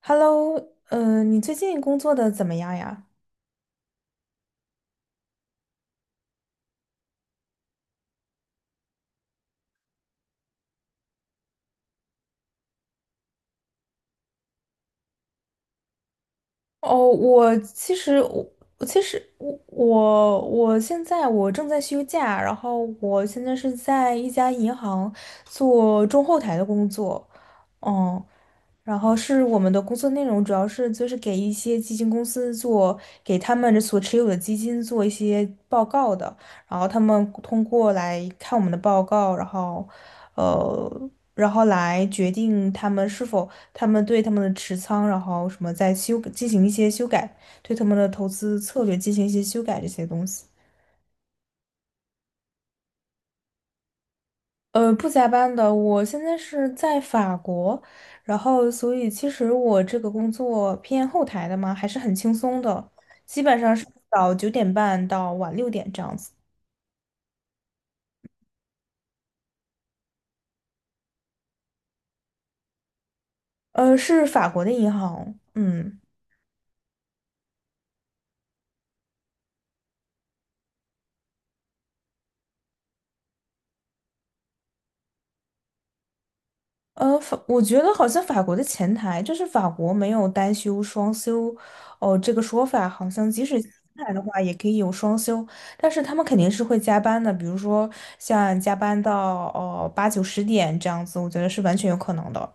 Hello。你最近工作的怎么样呀？哦，我其实我我其实我我我现在我正在休假，然后我现在是在一家银行做中后台的工作。嗯，我们的工作内容主要是就是给一些基金公司做，给他们所持有的基金做一些报告的，然后他们通过来看我们的报告，呃，然后来决定他们对他们的持仓，然后什么再修进行一些修改，对他们的投资策略进行一些修改这些东西。不加班的，我现在是在法国，然后所以其实我这个工作偏后台的嘛，还是很轻松的，基本上是早九点半到晚6点这样子。是法国的银行。嗯。我觉得好像法国的前台就是法国没有单休双休，哦，这个说法好像即使前台的话也可以有双休，但是他们肯定是会加班的，比如说像加班到8、9、10点这样子，我觉得是完全有可能的。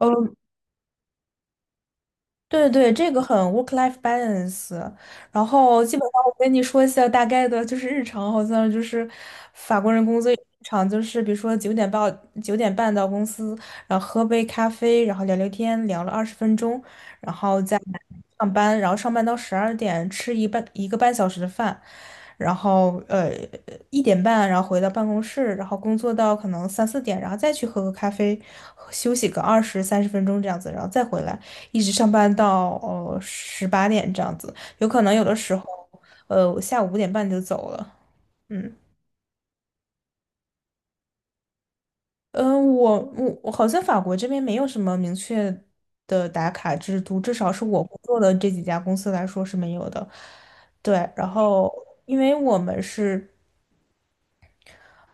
呃对对，这个很 work-life balance。然后基本上我跟你说一下大概的，就是日常好像就是法国人工作日常就是，比如说九点半到公司，然后喝杯咖啡，然后聊聊天，聊了20分钟，然后再上班，然后上班到12点吃1个半小时的饭，然后呃1:30然后回到办公室，然后工作到可能3、4点，然后再去喝个咖啡，休息个20、30分钟这样子，然后再回来。一直上班到18点这样子，有可能有的时候，我下午5:30就走了。嗯。嗯，呃我我我好像法国这边没有什么明确的打卡制度，至少是我工作的这几家公司来说是没有的。对，然后因为我们是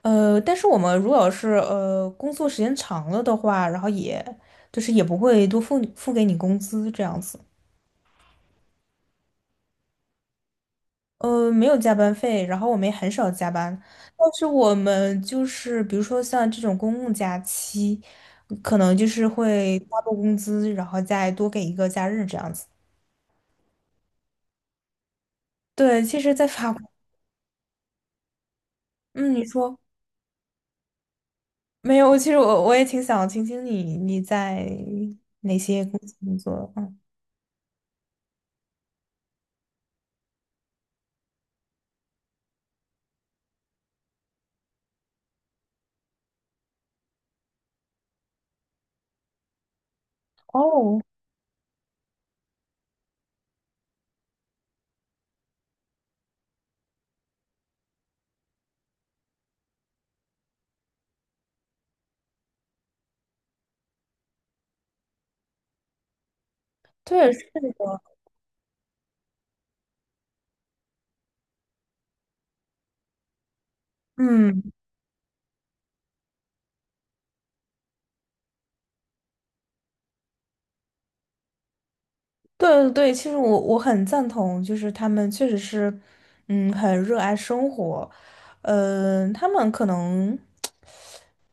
呃，但是我们如果是工作时间长了的话，然后也就是也不会付给你工资这样子。没有加班费，然后我们也很少加班，但是我们就是比如说像这种公共假期，可能就是会发布工资，然后再多给一个假日这样子。对，其实，在法国。嗯，你说没有？其实我我也挺想听听你你在哪些公司工作。嗯。哦。对，是的。嗯。对对对，其实我我很赞同，就是他们确实是。嗯，很热爱生活。他们可能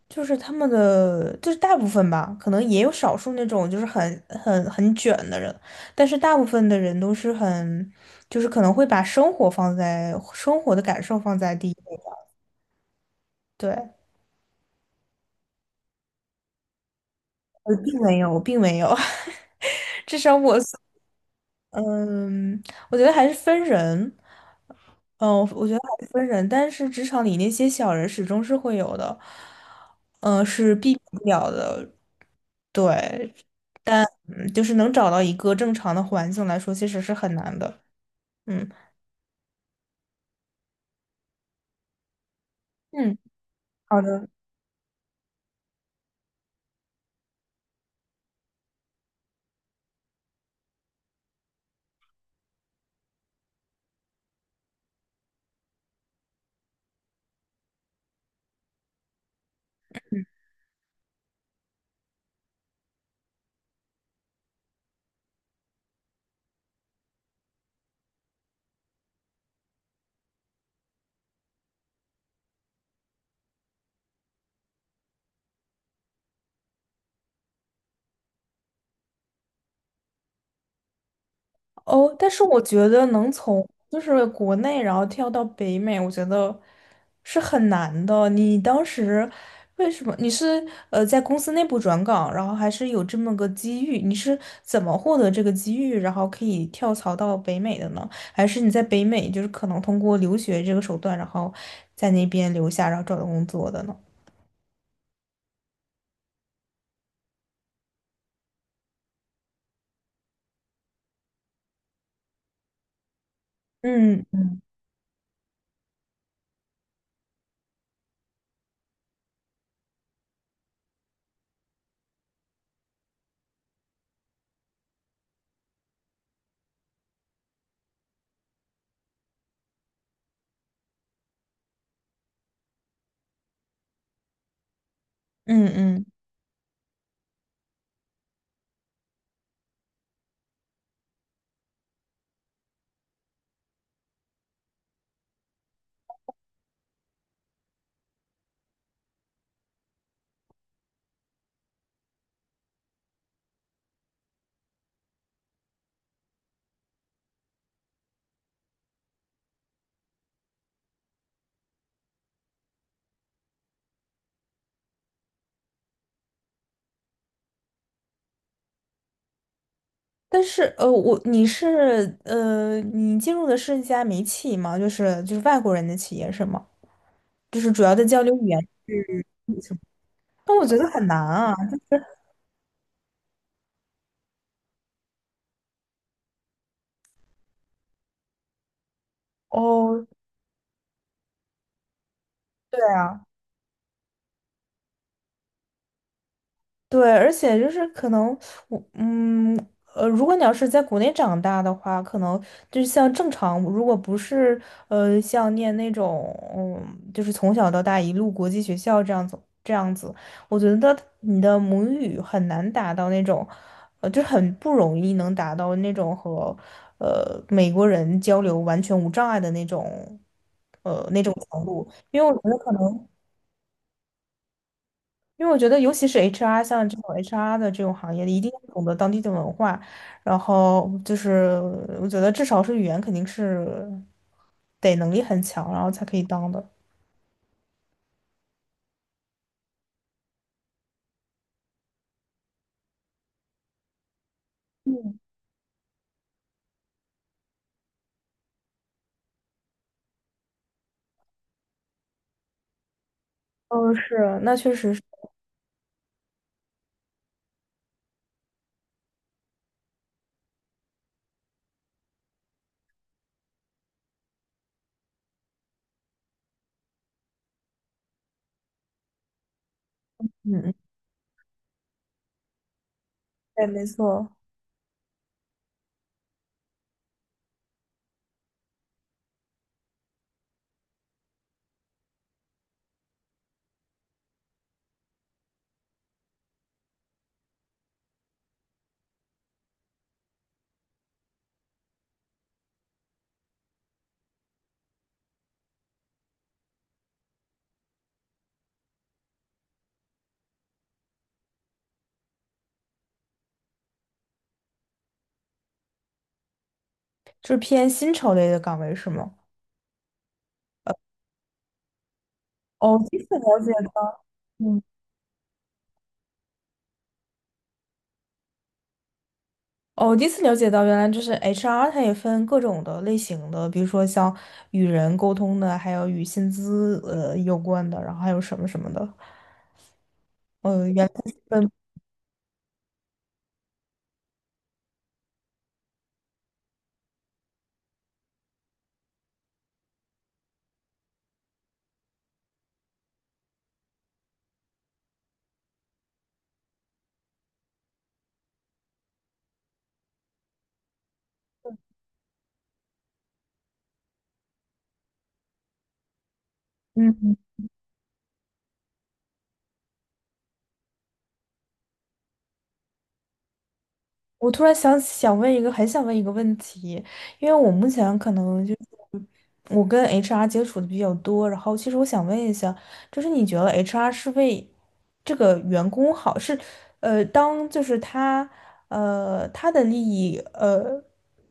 就是他们的，就是大部分吧，可能也有少数那种就是很卷的人，但是大部分的人都是很，就是可能会把生活放在生活的感受放在第一位。对，我并没有，至少我所嗯，我觉得还是分人。嗯，我觉得还是分人，但是职场里那些小人始终是会有的，嗯，是避免不了的。对。嗯，就是能找到一个正常的环境来说，其实是很难的。嗯。嗯，好的。哦，但是我觉得能从就是国内然后跳到北美，我觉得是很难的。你当时为什么你是在公司内部转岗，然后还是有这么个机遇？你是怎么获得这个机遇，然后可以跳槽到北美的呢？还是你在北美就是可能通过留学这个手段，然后在那边留下，然后找到工作的呢？嗯。嗯。嗯。但是呃，我你是呃，你进入的是一家民企吗？就是就是外国人的企业是吗？就是主要的交流语言是。那我觉得很难啊。哦。对啊。对，而且就是可能我嗯如果你要是在国内长大的话，可能就是像正常，如果不是像念那种就是从小到大一路国际学校这样子，我觉得你的母语很难达到那种，就很不容易能达到那种和美国人交流完全无障碍的那种程度，因为我觉得可能。因为我觉得，尤其是 HR 像这种 HR 的这种行业，一定要懂得当地的文化。然后就是，我觉得至少是语言肯定是得能力很强，然后才可以当的。嗯，是，那确实是。嗯。嗯，对，没错，就是偏薪酬类的岗位是吗？哦，我第一次了解到。嗯，哦，我第一次了解到，原来就是 HR,它也分各种的类型的，比如说像与人沟通的，还有与薪资有关的，然后还有什么什么的，嗯，原来它是分。嗯，我突然想问一个，很想问一个问题，因为我目前可能就是我跟 HR 接触的比较多，然后其实我想问一下，就是你觉得 HR 是为这个员工好，是呃，当就是他呃他的利益，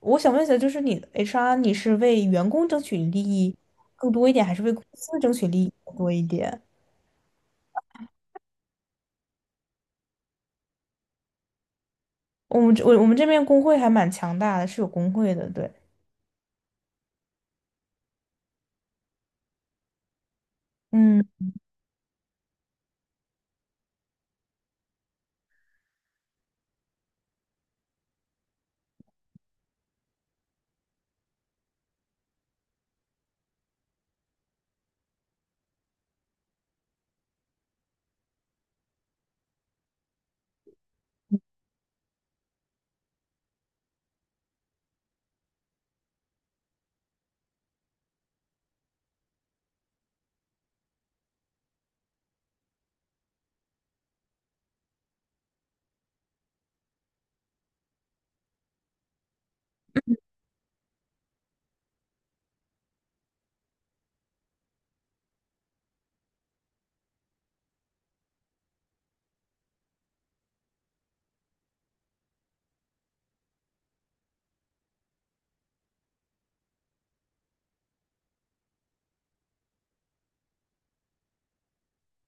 我想问一下，就是你 HR 你是为员工争取利益更多一点，还是为公司争取利益更多一点？我们这我们这边工会还蛮强大的，是有工会的，对。嗯。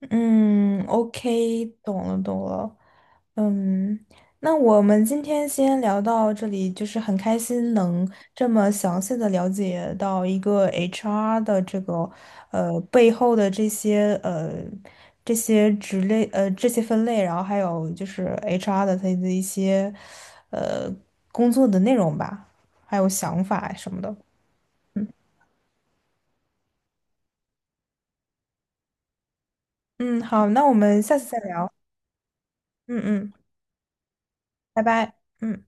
嗯，OK,懂了懂了。嗯，那我们今天先聊到这里，就是很开心能这么详细的了解到一个 HR 的这个背后的这些这些这些分类，然后还有就是 HR 的它的一些呃工作的内容吧，还有想法什么的。嗯，好，那我们下次再聊。嗯。嗯，拜拜。嗯。